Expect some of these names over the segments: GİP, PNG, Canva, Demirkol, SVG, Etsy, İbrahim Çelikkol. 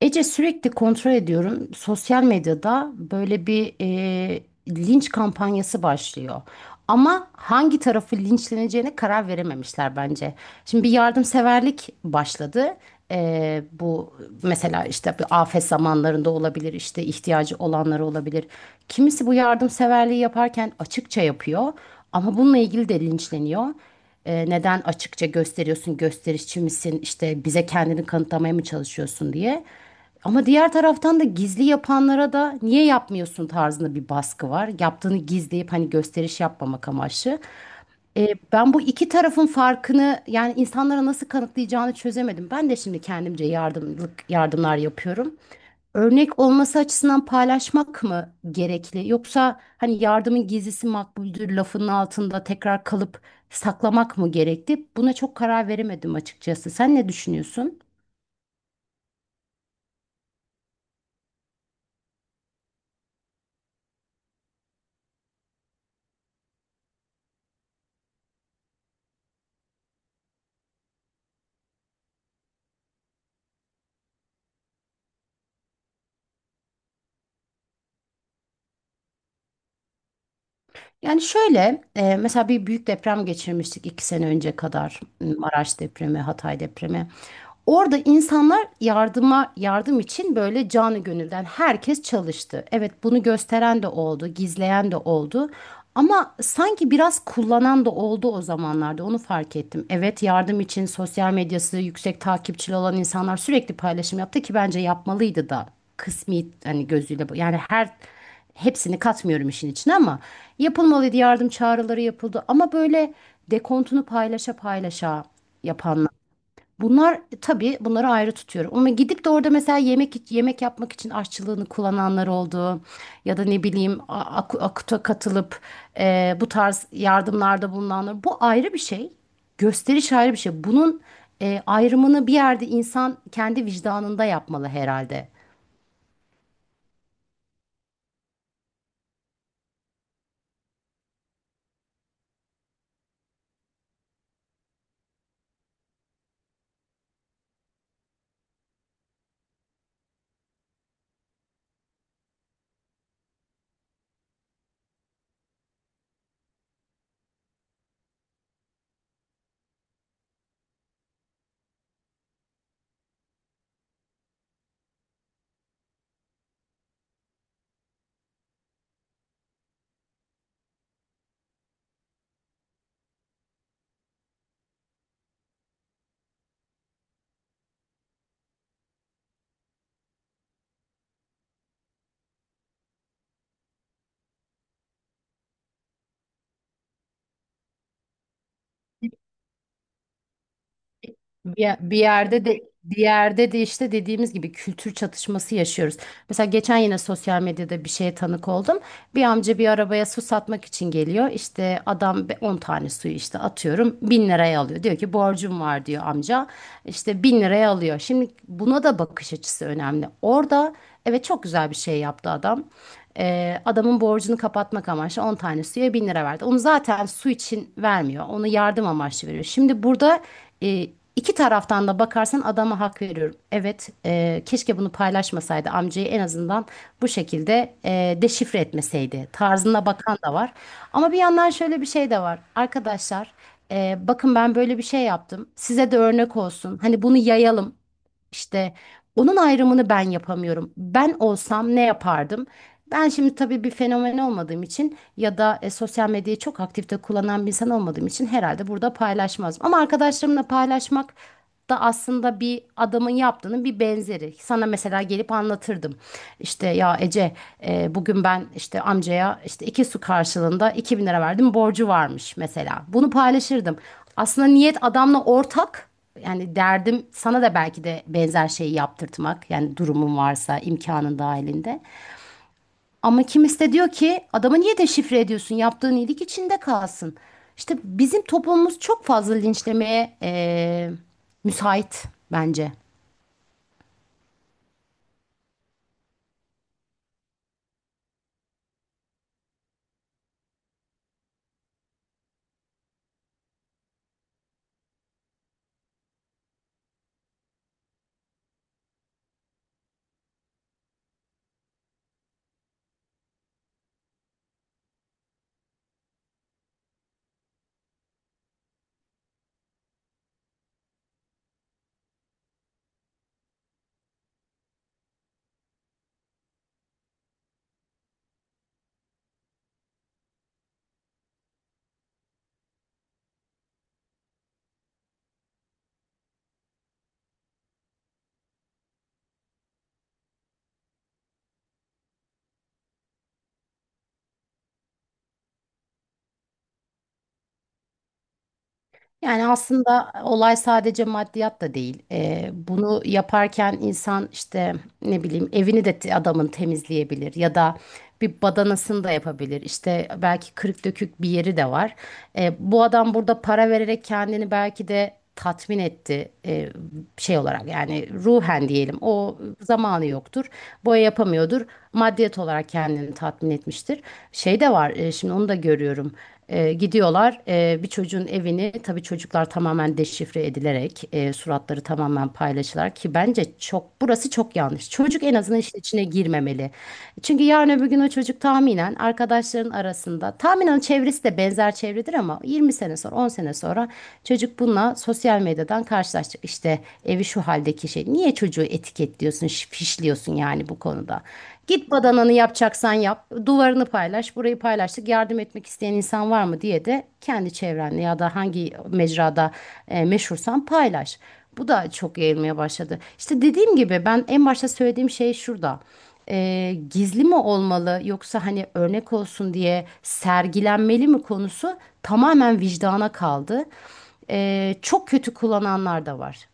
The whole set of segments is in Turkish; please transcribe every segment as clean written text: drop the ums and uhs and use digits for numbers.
Ece sürekli kontrol ediyorum. Sosyal medyada böyle bir linç kampanyası başlıyor. Ama hangi tarafı linçleneceğine karar verememişler bence. Şimdi bir yardımseverlik başladı. Bu mesela işte bir afet zamanlarında olabilir, işte ihtiyacı olanları olabilir. Kimisi bu yardımseverliği yaparken açıkça yapıyor ama bununla ilgili de linçleniyor. Neden açıkça gösteriyorsun, gösterişçi misin, işte bize kendini kanıtlamaya mı çalışıyorsun diye. Ama diğer taraftan da gizli yapanlara da niye yapmıyorsun tarzında bir baskı var. Yaptığını gizleyip hani gösteriş yapmamak amaçlı. Ben bu iki tarafın farkını yani insanlara nasıl kanıtlayacağını çözemedim. Ben de şimdi kendimce yardımlık yardımlar yapıyorum. Örnek olması açısından paylaşmak mı gerekli? Yoksa hani yardımın gizlisi makbuldür lafının altında tekrar kalıp saklamak mı gerekli? Buna çok karar veremedim açıkçası. Sen ne düşünüyorsun? Yani şöyle, mesela bir büyük deprem geçirmiştik iki sene önce kadar. Maraş depremi, Hatay depremi. Orada insanlar yardıma yardım için böyle canı gönülden herkes çalıştı. Evet, bunu gösteren de oldu, gizleyen de oldu. Ama sanki biraz kullanan da oldu o zamanlarda. Onu fark ettim. Evet, yardım için sosyal medyası yüksek takipçili olan insanlar sürekli paylaşım yaptı ki bence yapmalıydı da. Kısmi hani gözüyle bu- yani her Hepsini katmıyorum işin içine ama yapılmalıydı, yardım çağrıları yapıldı ama böyle dekontunu paylaşa paylaşa yapanlar. Bunlar tabii, bunları ayrı tutuyorum. Ama gidip de orada mesela yemek yemek yapmak için aşçılığını kullananlar oldu. Ya da ne bileyim AKUT'a katılıp bu tarz yardımlarda bulunanlar. Bu ayrı bir şey. Gösteriş ayrı bir şey. Bunun ayrımını bir yerde insan kendi vicdanında yapmalı herhalde. Bir yerde de işte dediğimiz gibi kültür çatışması yaşıyoruz. Mesela geçen yine sosyal medyada bir şeye tanık oldum. Bir amca bir arabaya su satmak için geliyor. İşte 10 tane suyu işte atıyorum 1.000 liraya alıyor. Diyor ki borcum var diyor amca. İşte 1.000 liraya alıyor. Şimdi buna da bakış açısı önemli. Orada evet, çok güzel bir şey yaptı adam. Adamın borcunu kapatmak amaçlı 10 tane suya 1.000 lira verdi. Onu zaten su için vermiyor. Onu yardım amaçlı veriyor. Şimdi burada İki taraftan da bakarsan adama hak veriyorum. Evet, keşke bunu paylaşmasaydı, amcayı en azından bu şekilde deşifre etmeseydi. Tarzına bakan da var. Ama bir yandan şöyle bir şey de var. Arkadaşlar, bakın ben böyle bir şey yaptım. Size de örnek olsun. Hani bunu yayalım. İşte onun ayrımını ben yapamıyorum. Ben olsam ne yapardım? Ben şimdi tabii bir fenomen olmadığım için ya da sosyal medyayı çok aktifte kullanan bir insan olmadığım için herhalde burada paylaşmazdım. Ama arkadaşlarımla paylaşmak da aslında bir adamın yaptığının bir benzeri. Sana mesela gelip anlatırdım. İşte ya Ece, bugün ben işte amcaya işte iki su karşılığında 2.000 lira verdim, borcu varmış mesela. Bunu paylaşırdım. Aslında niyet adamla ortak, yani derdim sana da belki de benzer şeyi yaptırtmak. Yani durumun varsa imkanın dahilinde. Ama kimisi de diyor ki adamı niye deşifre ediyorsun? Yaptığın iyilik içinde kalsın. İşte bizim toplumumuz çok fazla linçlemeye müsait bence. Yani aslında olay sadece maddiyat da değil. Bunu yaparken insan işte ne bileyim evini de adamın temizleyebilir ya da bir badanasını da yapabilir. İşte belki kırık dökük bir yeri de var. Bu adam burada para vererek kendini belki de tatmin etti şey olarak yani ruhen diyelim, o zamanı yoktur. Boya yapamıyordur. Maddiyet olarak kendini tatmin etmiştir. Şey de var, şimdi onu da görüyorum. Gidiyorlar, bir çocuğun evini, tabii çocuklar tamamen deşifre edilerek suratları tamamen paylaşılar ki bence çok, burası çok yanlış. Çocuk en azından işin içine girmemeli. Çünkü yarın öbür gün o çocuk tahminen arkadaşların arasında, tahminen çevresi de benzer çevredir ama 20 sene sonra, 10 sene sonra çocuk bununla sosyal medyadan karşılaşacak. İşte evi şu haldeki şey, niye çocuğu etiketliyorsun, fişliyorsun yani bu konuda. Git, badananı yapacaksan yap. Duvarını paylaş. Burayı paylaştık. Yardım etmek isteyen insan var mı diye de kendi çevrenle ya da hangi mecrada meşhursan paylaş. Bu da çok yayılmaya başladı. İşte dediğim gibi ben en başta söylediğim şey şurada. Gizli mi olmalı yoksa hani örnek olsun diye sergilenmeli mi konusu tamamen vicdana kaldı. Çok kötü kullananlar da var.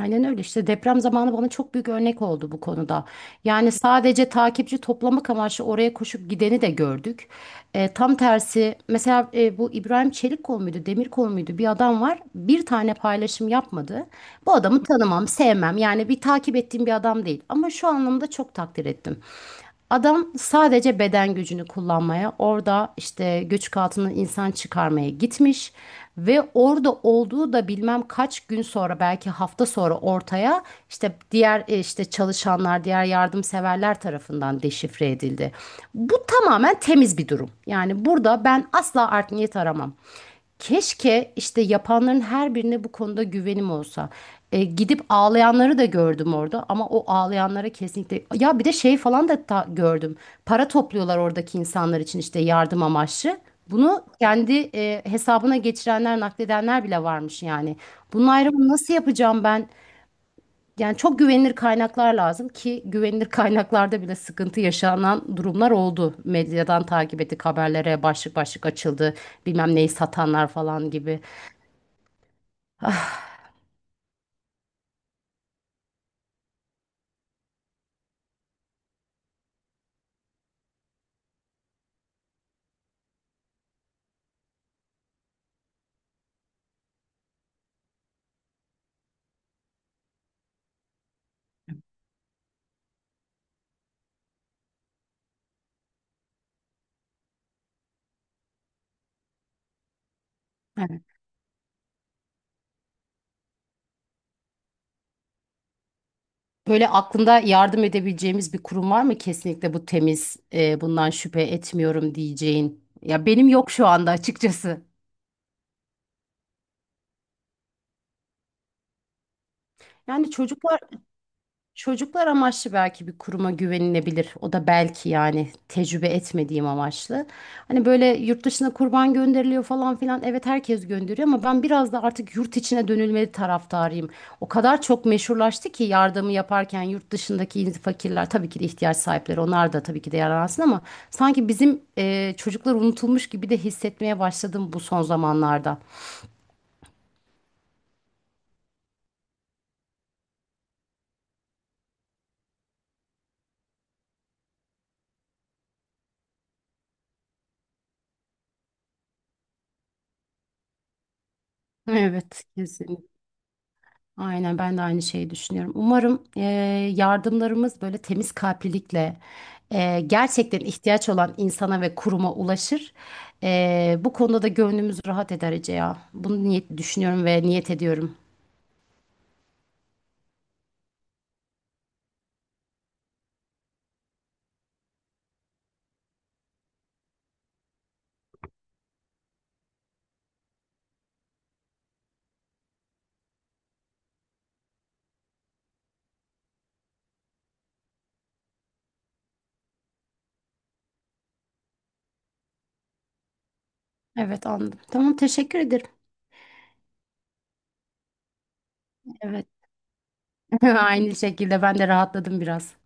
Aynen öyle, işte deprem zamanı bana çok büyük örnek oldu bu konuda. Yani sadece takipçi toplamak amaçlı oraya koşup gideni de gördük. Tam tersi mesela, bu İbrahim Çelikkol muydu Demirkol muydu, bir adam var bir tane paylaşım yapmadı. Bu adamı tanımam, sevmem, yani bir takip ettiğim bir adam değil ama şu anlamda çok takdir ettim. Adam sadece beden gücünü kullanmaya, orada işte göçük altından insan çıkarmaya gitmiş ve orada olduğu da bilmem kaç gün sonra, belki hafta sonra ortaya, işte diğer işte çalışanlar, diğer yardımseverler tarafından deşifre edildi. Bu tamamen temiz bir durum. Yani burada ben asla art niyet aramam. Keşke işte yapanların her birine bu konuda güvenim olsa. Gidip ağlayanları da gördüm orada ama o ağlayanlara kesinlikle ya bir de şey falan da gördüm. Para topluyorlar oradaki insanlar için işte yardım amaçlı. Bunu kendi hesabına geçirenler, nakledenler bile varmış yani. Bunun ayrımını nasıl yapacağım ben? Yani çok güvenilir kaynaklar lazım ki güvenilir kaynaklarda bile sıkıntı yaşanan durumlar oldu. Medyadan takip ettik, haberlere başlık başlık açıldı. Bilmem neyi satanlar falan gibi. Böyle aklında yardım edebileceğimiz bir kurum var mı? Kesinlikle bu temiz, bundan şüphe etmiyorum diyeceğin. Ya benim yok şu anda açıkçası. Yani çocuklar Çocuklar amaçlı belki bir kuruma güvenilebilir. O da belki, yani tecrübe etmediğim amaçlı. Hani böyle yurt dışına kurban gönderiliyor falan filan. Evet, herkes gönderiyor ama ben biraz da artık yurt içine dönülmeli taraftarıyım. O kadar çok meşhurlaştı ki, yardımı yaparken yurt dışındaki fakirler, tabii ki de ihtiyaç sahipleri, onlar da tabii ki de yararlansın ama sanki bizim çocuklar unutulmuş gibi de hissetmeye başladım bu son zamanlarda. Evet, kesin. Aynen, ben de aynı şeyi düşünüyorum. Umarım yardımlarımız böyle temiz kalplilikle gerçekten ihtiyaç olan insana ve kuruma ulaşır. Bu konuda da gönlümüz rahat eder Ece ya. Bunu niyet düşünüyorum ve niyet ediyorum. Evet, anladım. Tamam, teşekkür ederim. Evet. Aynı şekilde ben de rahatladım biraz.